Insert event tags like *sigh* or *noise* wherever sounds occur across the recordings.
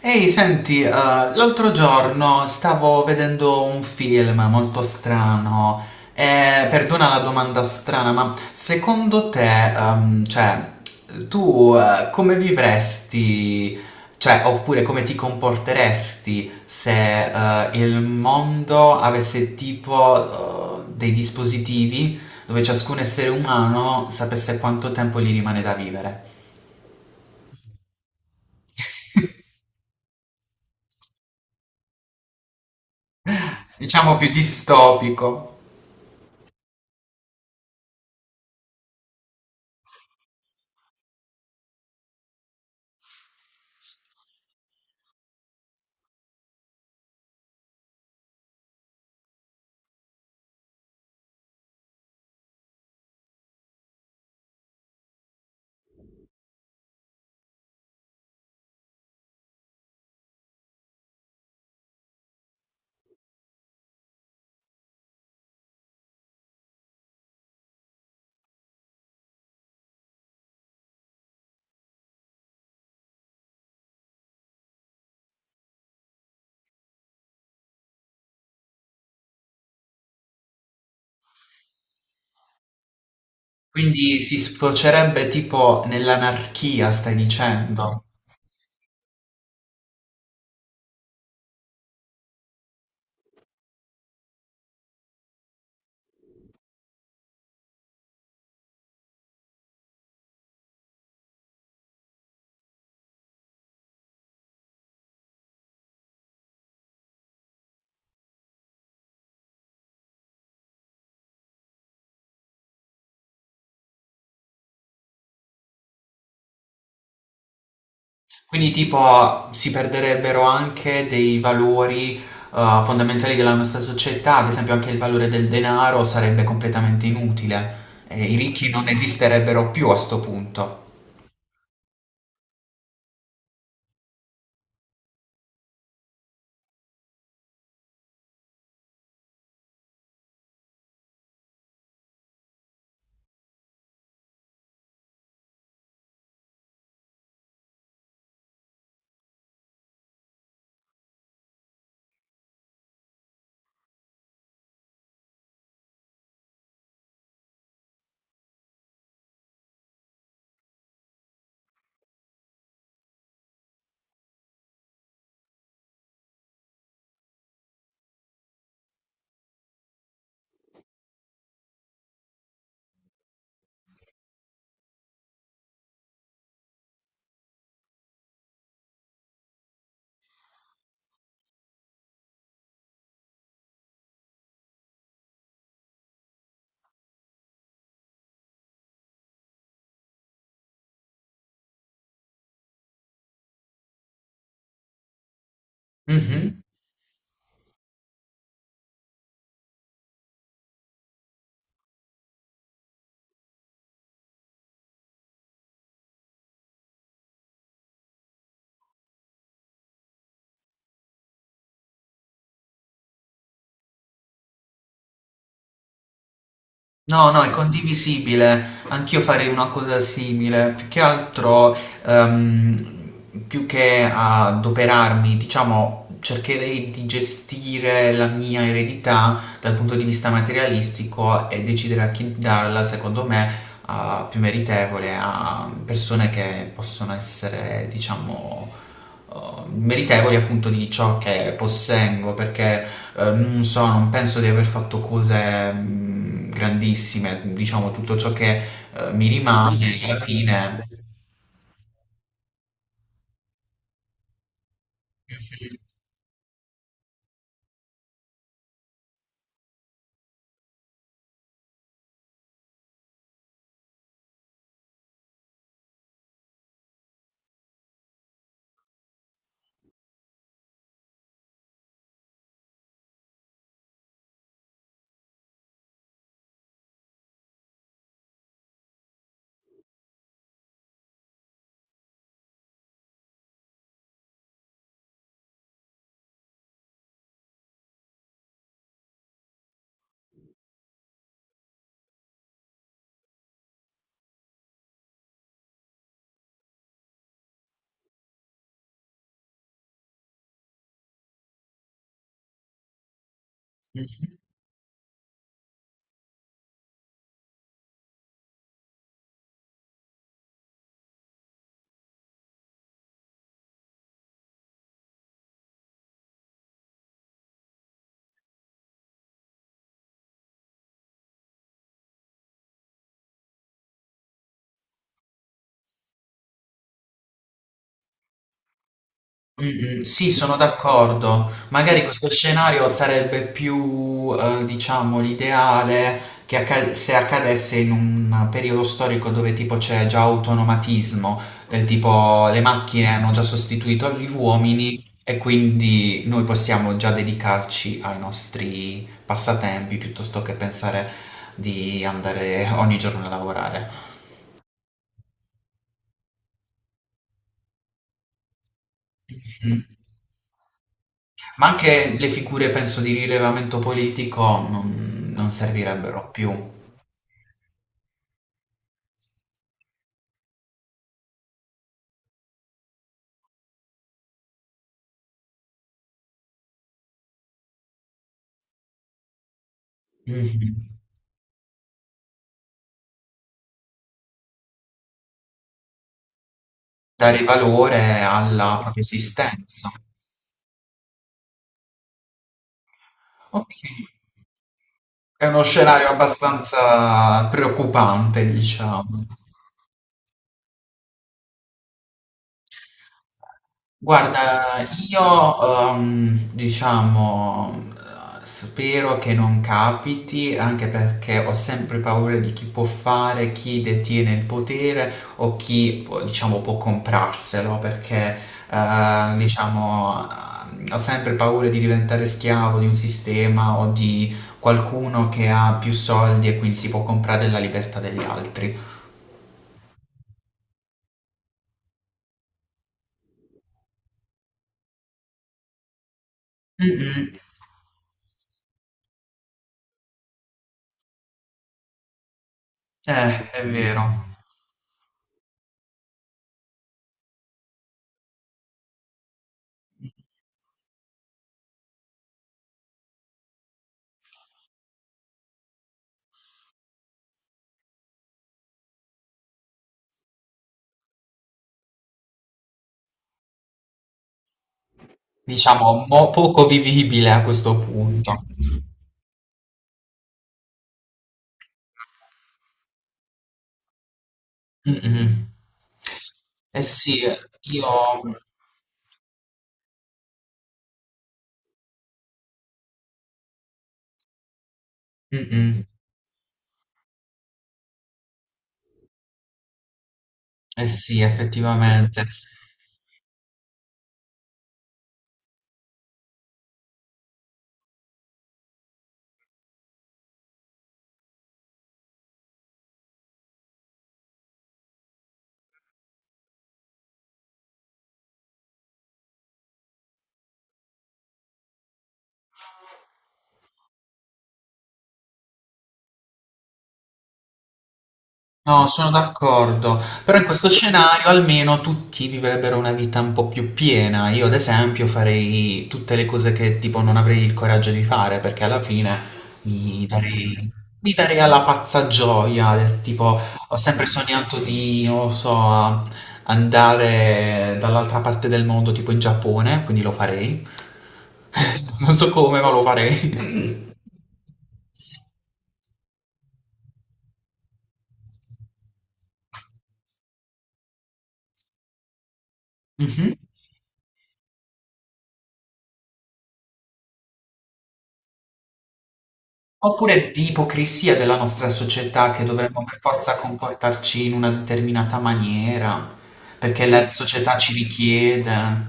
Ehi, senti, l'altro giorno stavo vedendo un film molto strano e perdona la domanda strana, ma secondo te, tu come vivresti, cioè, oppure come ti comporteresti se il mondo avesse tipo dei dispositivi dove ciascun essere umano sapesse quanto tempo gli rimane da vivere? Diciamo più distopico. Quindi si sfocerebbe tipo nell'anarchia, stai dicendo? Quindi tipo si perderebbero anche dei valori fondamentali della nostra società, ad esempio anche il valore del denaro sarebbe completamente inutile. I ricchi non esisterebbero più a sto punto. Mhm. No, no, è condivisibile. Anch'io farei una cosa simile. Più che altro ehm, più che adoperarmi, diciamo, cercherei di gestire la mia eredità dal punto di vista materialistico e decidere a chi darla, secondo me, a più meritevole, a persone che possono essere, diciamo, eh, meritevoli appunto di ciò che possengo, perché non so, non penso di aver fatto cose grandissime, diciamo, tutto ciò che mi rimane alla fine. Mh-mh, sì, sono d'accordo. Magari questo scenario sarebbe più, diciamo, l'ideale che acca se accadesse in un periodo storico dove tipo c'è già autonomatismo, del tipo le macchine hanno già sostituito gli uomini e quindi noi possiamo già dedicarci ai nostri passatempi piuttosto che pensare di andare ogni giorno a lavorare. Mh. Ma anche le figure, penso, di rilevamento politico non servirebbero più. Mhm. Dare valore alla propria esistenza. Ok. È uno scenario abbastanza preoccupante, diciamo. Guarda, io diciamo spero che non capiti, anche perché ho sempre paura di chi può fare, chi detiene il potere o chi può- diciamo può comprarselo, perché diciamo ho sempre paura di diventare schiavo di un sistema o di qualcuno che ha più soldi e quindi si può comprare la libertà degli altri. Mm, mm, è vero. Diciamo mo poco vivibile a questo punto. Mh-mh. Eh sì, io mh-mh, eh sì effettivamente. No, sono d'accordo, però in questo scenario almeno tutti vivrebbero una vita un po' più piena. Io, ad esempio, farei tutte le cose che tipo non avrei il coraggio di fare, perché alla fine mi darei, mi darei alla pazza gioia, del tipo ho sempre sognato di, non lo so, andare dall'altra parte del mondo, tipo in Giappone, quindi lo farei. *laughs* Non so come, ma lo farei. *laughs* Mhm. Oppure di ipocrisia della nostra società che dovremmo per forza comportarci in una determinata maniera, perché la società ci richiede.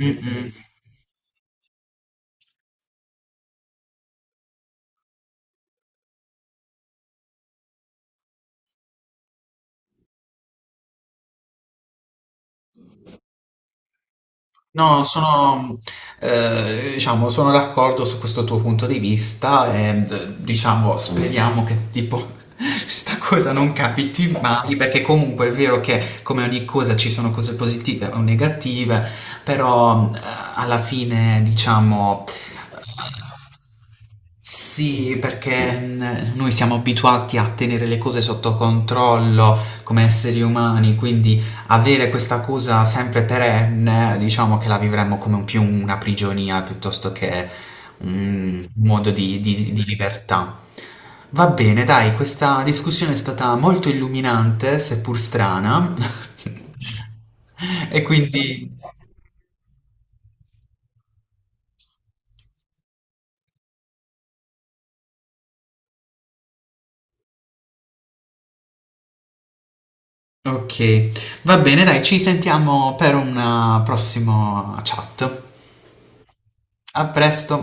Mh-mh. No, sono, diciamo, sono d'accordo su questo tuo punto di vista e, d diciamo, speriamo che tipo *laughs* 'sta cosa non capiti mai, perché comunque è vero che come ogni cosa ci sono cose positive o negative, però, alla fine, diciamo sì, perché noi siamo abituati a tenere le cose sotto controllo come esseri umani, quindi avere questa cosa sempre perenne, diciamo che la vivremmo come un- più una prigionia piuttosto che un modo di, di libertà. Va bene, dai, questa discussione è stata molto illuminante, seppur strana. *laughs* E quindi, ok, va bene, dai, ci sentiamo per una prossima chat. A presto!